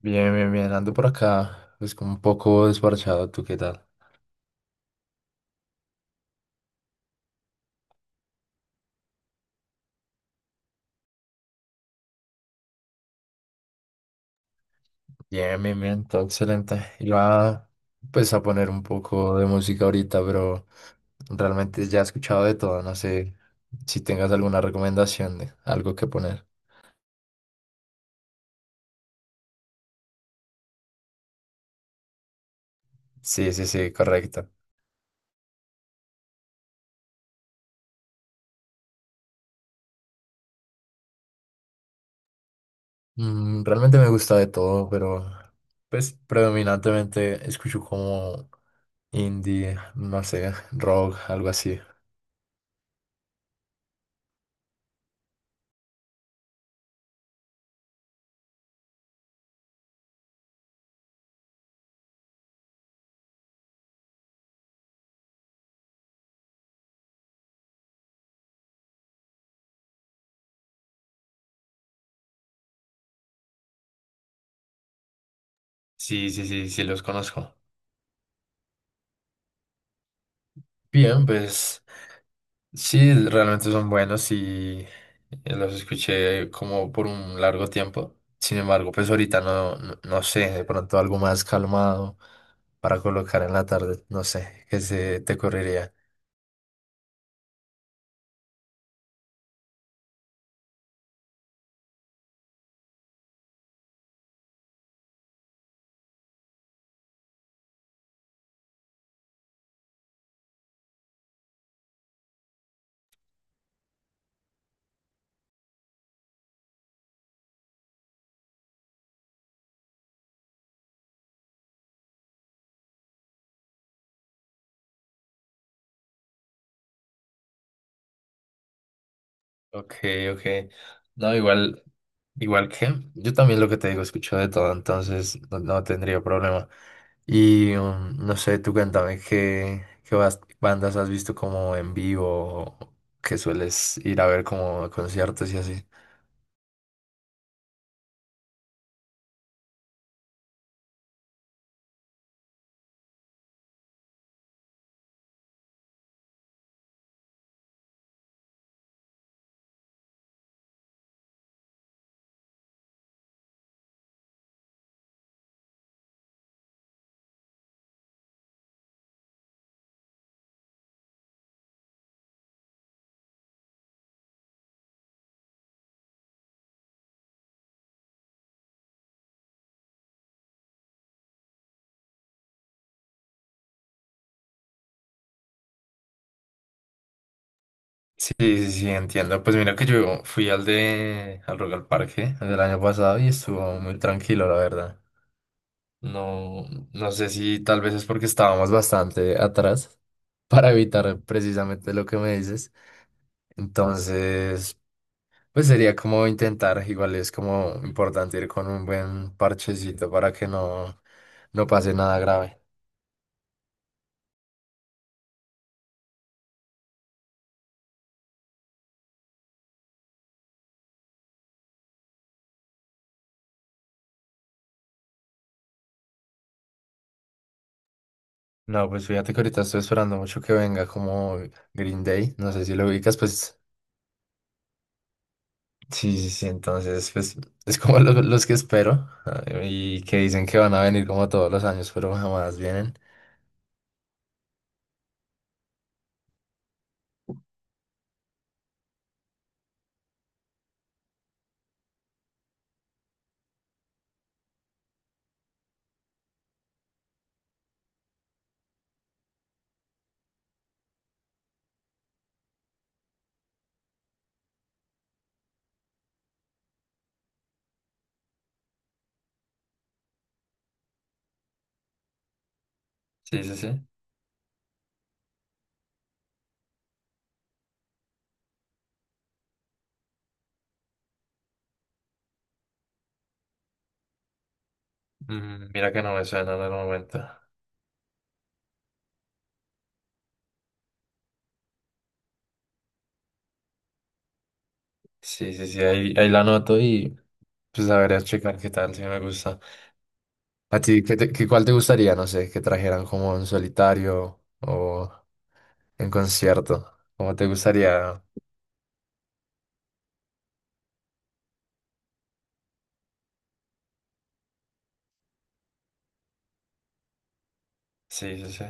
Bien, bien, bien, ando por acá, pues como un poco desparchado, ¿tú qué tal? Bien, bien, bien, todo excelente. Iba pues a poner un poco de música ahorita, pero realmente ya he escuchado de todo, no sé si tengas alguna recomendación de algo que poner. Sí, sí, sí, correcto. Mm, realmente me gusta de todo, pero pues predominantemente escucho como indie, no sé, rock, algo así. Sí, sí, sí, sí, los conozco. Bien, pues... Sí, realmente son buenos y los escuché como por un largo tiempo. Sin embargo, pues ahorita no sé, de pronto algo más calmado para colocar en la tarde, no sé, qué se te ocurriría. Ok, ok. No, igual, igual que yo también lo que te digo, escucho de todo, entonces no, no tendría problema. Y no sé, tú cuéntame qué, bandas has visto como en vivo, o que sueles ir a ver como a conciertos y así. Sí, sí, sí, entiendo. Pues mira que yo fui al de al Rock al Parque el año pasado y estuvo muy tranquilo, la verdad. No, no sé si tal vez es porque estábamos bastante atrás para evitar precisamente lo que me dices. Entonces, pues sería como intentar, igual es como importante ir con un buen parchecito para que no pase nada grave. No, pues fíjate que ahorita estoy esperando mucho que venga como Green Day. No sé si lo ubicas, pues sí, sí, sí, entonces pues es como los que espero ah, y que dicen que van a venir como todos los años, pero jamás vienen. Sí, sí, sí. Mm, mira que no me suena en el momento. Sí, sí, sí, ahí, ahí la anoto y pues a ver, a checar qué tal, si me gusta. ¿A ti qué, cuál te gustaría, no sé, que trajeran como en solitario o en concierto? ¿Cómo te gustaría? Sí, sí, sí.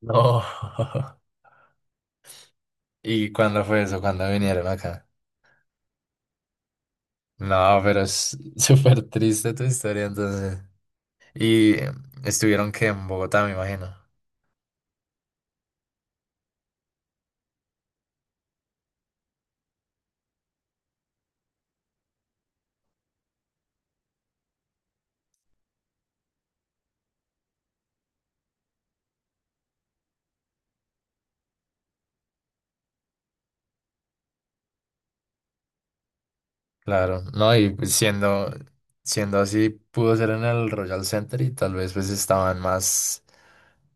No. ¿Y cuándo fue eso? ¿Cuándo vinieron acá? No, pero es súper triste tu historia, entonces. Y estuvieron que en Bogotá, me imagino. Claro, no, y pues siendo, siendo así, pudo ser en el Royal Center y tal vez pues estaban más,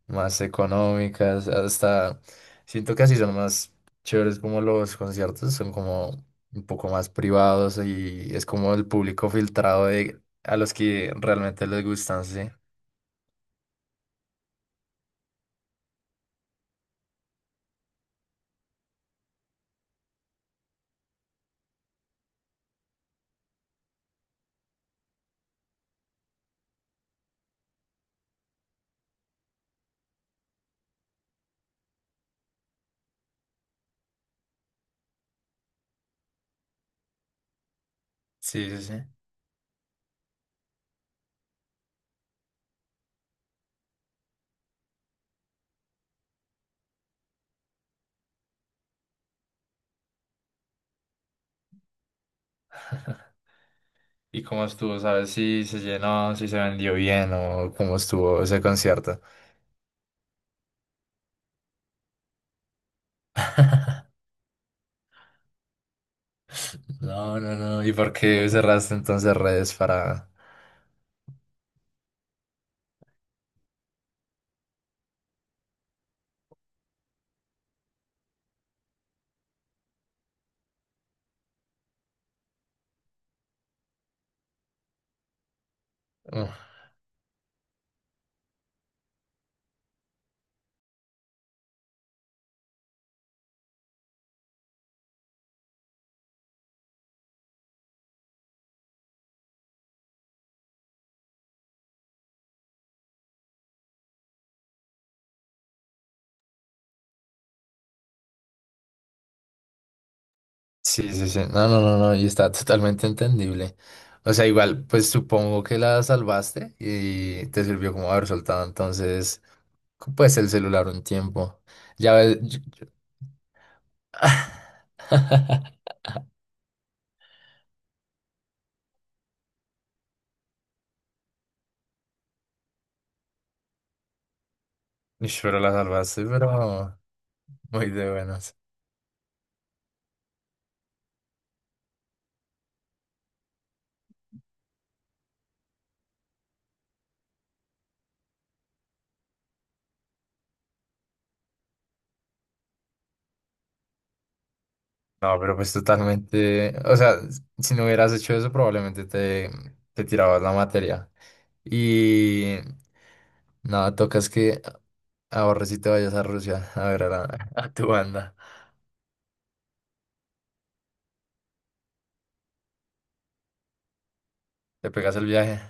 más económicas, hasta siento que así son más chéveres como los conciertos, son como un poco más privados y es como el público filtrado de a los que realmente les gustan, sí. Sí, sí, sí. ¿Y cómo estuvo? ¿Sabes si se llenó, si se vendió bien o cómo estuvo ese concierto? No, no, no. ¿Y por qué cerraste entonces redes para...? Uf, sí, sí, sí. No, no, no, no. Y está totalmente entendible. O sea, igual, pues supongo que la salvaste y te sirvió como haber soltado entonces, pues el celular un tiempo. Ya ves... Ish, pero la salvaste, pero muy de buenas. No, pero pues totalmente, o sea, si no hubieras hecho eso probablemente te tirabas la materia. Y nada, tocas que ahorres y te vayas a Rusia a ver a, a tu banda. Te pegas el viaje.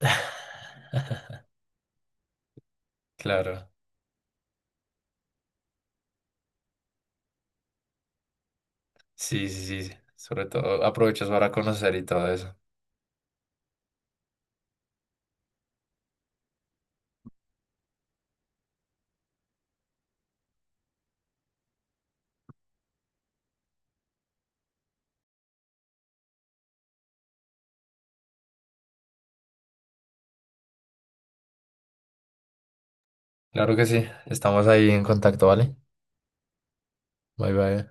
Claro, sí, sí, sí. Sí. Sobre todo aprovechas para conocer y todo eso. Claro que sí, estamos ahí en contacto, ¿vale? Bye, bye.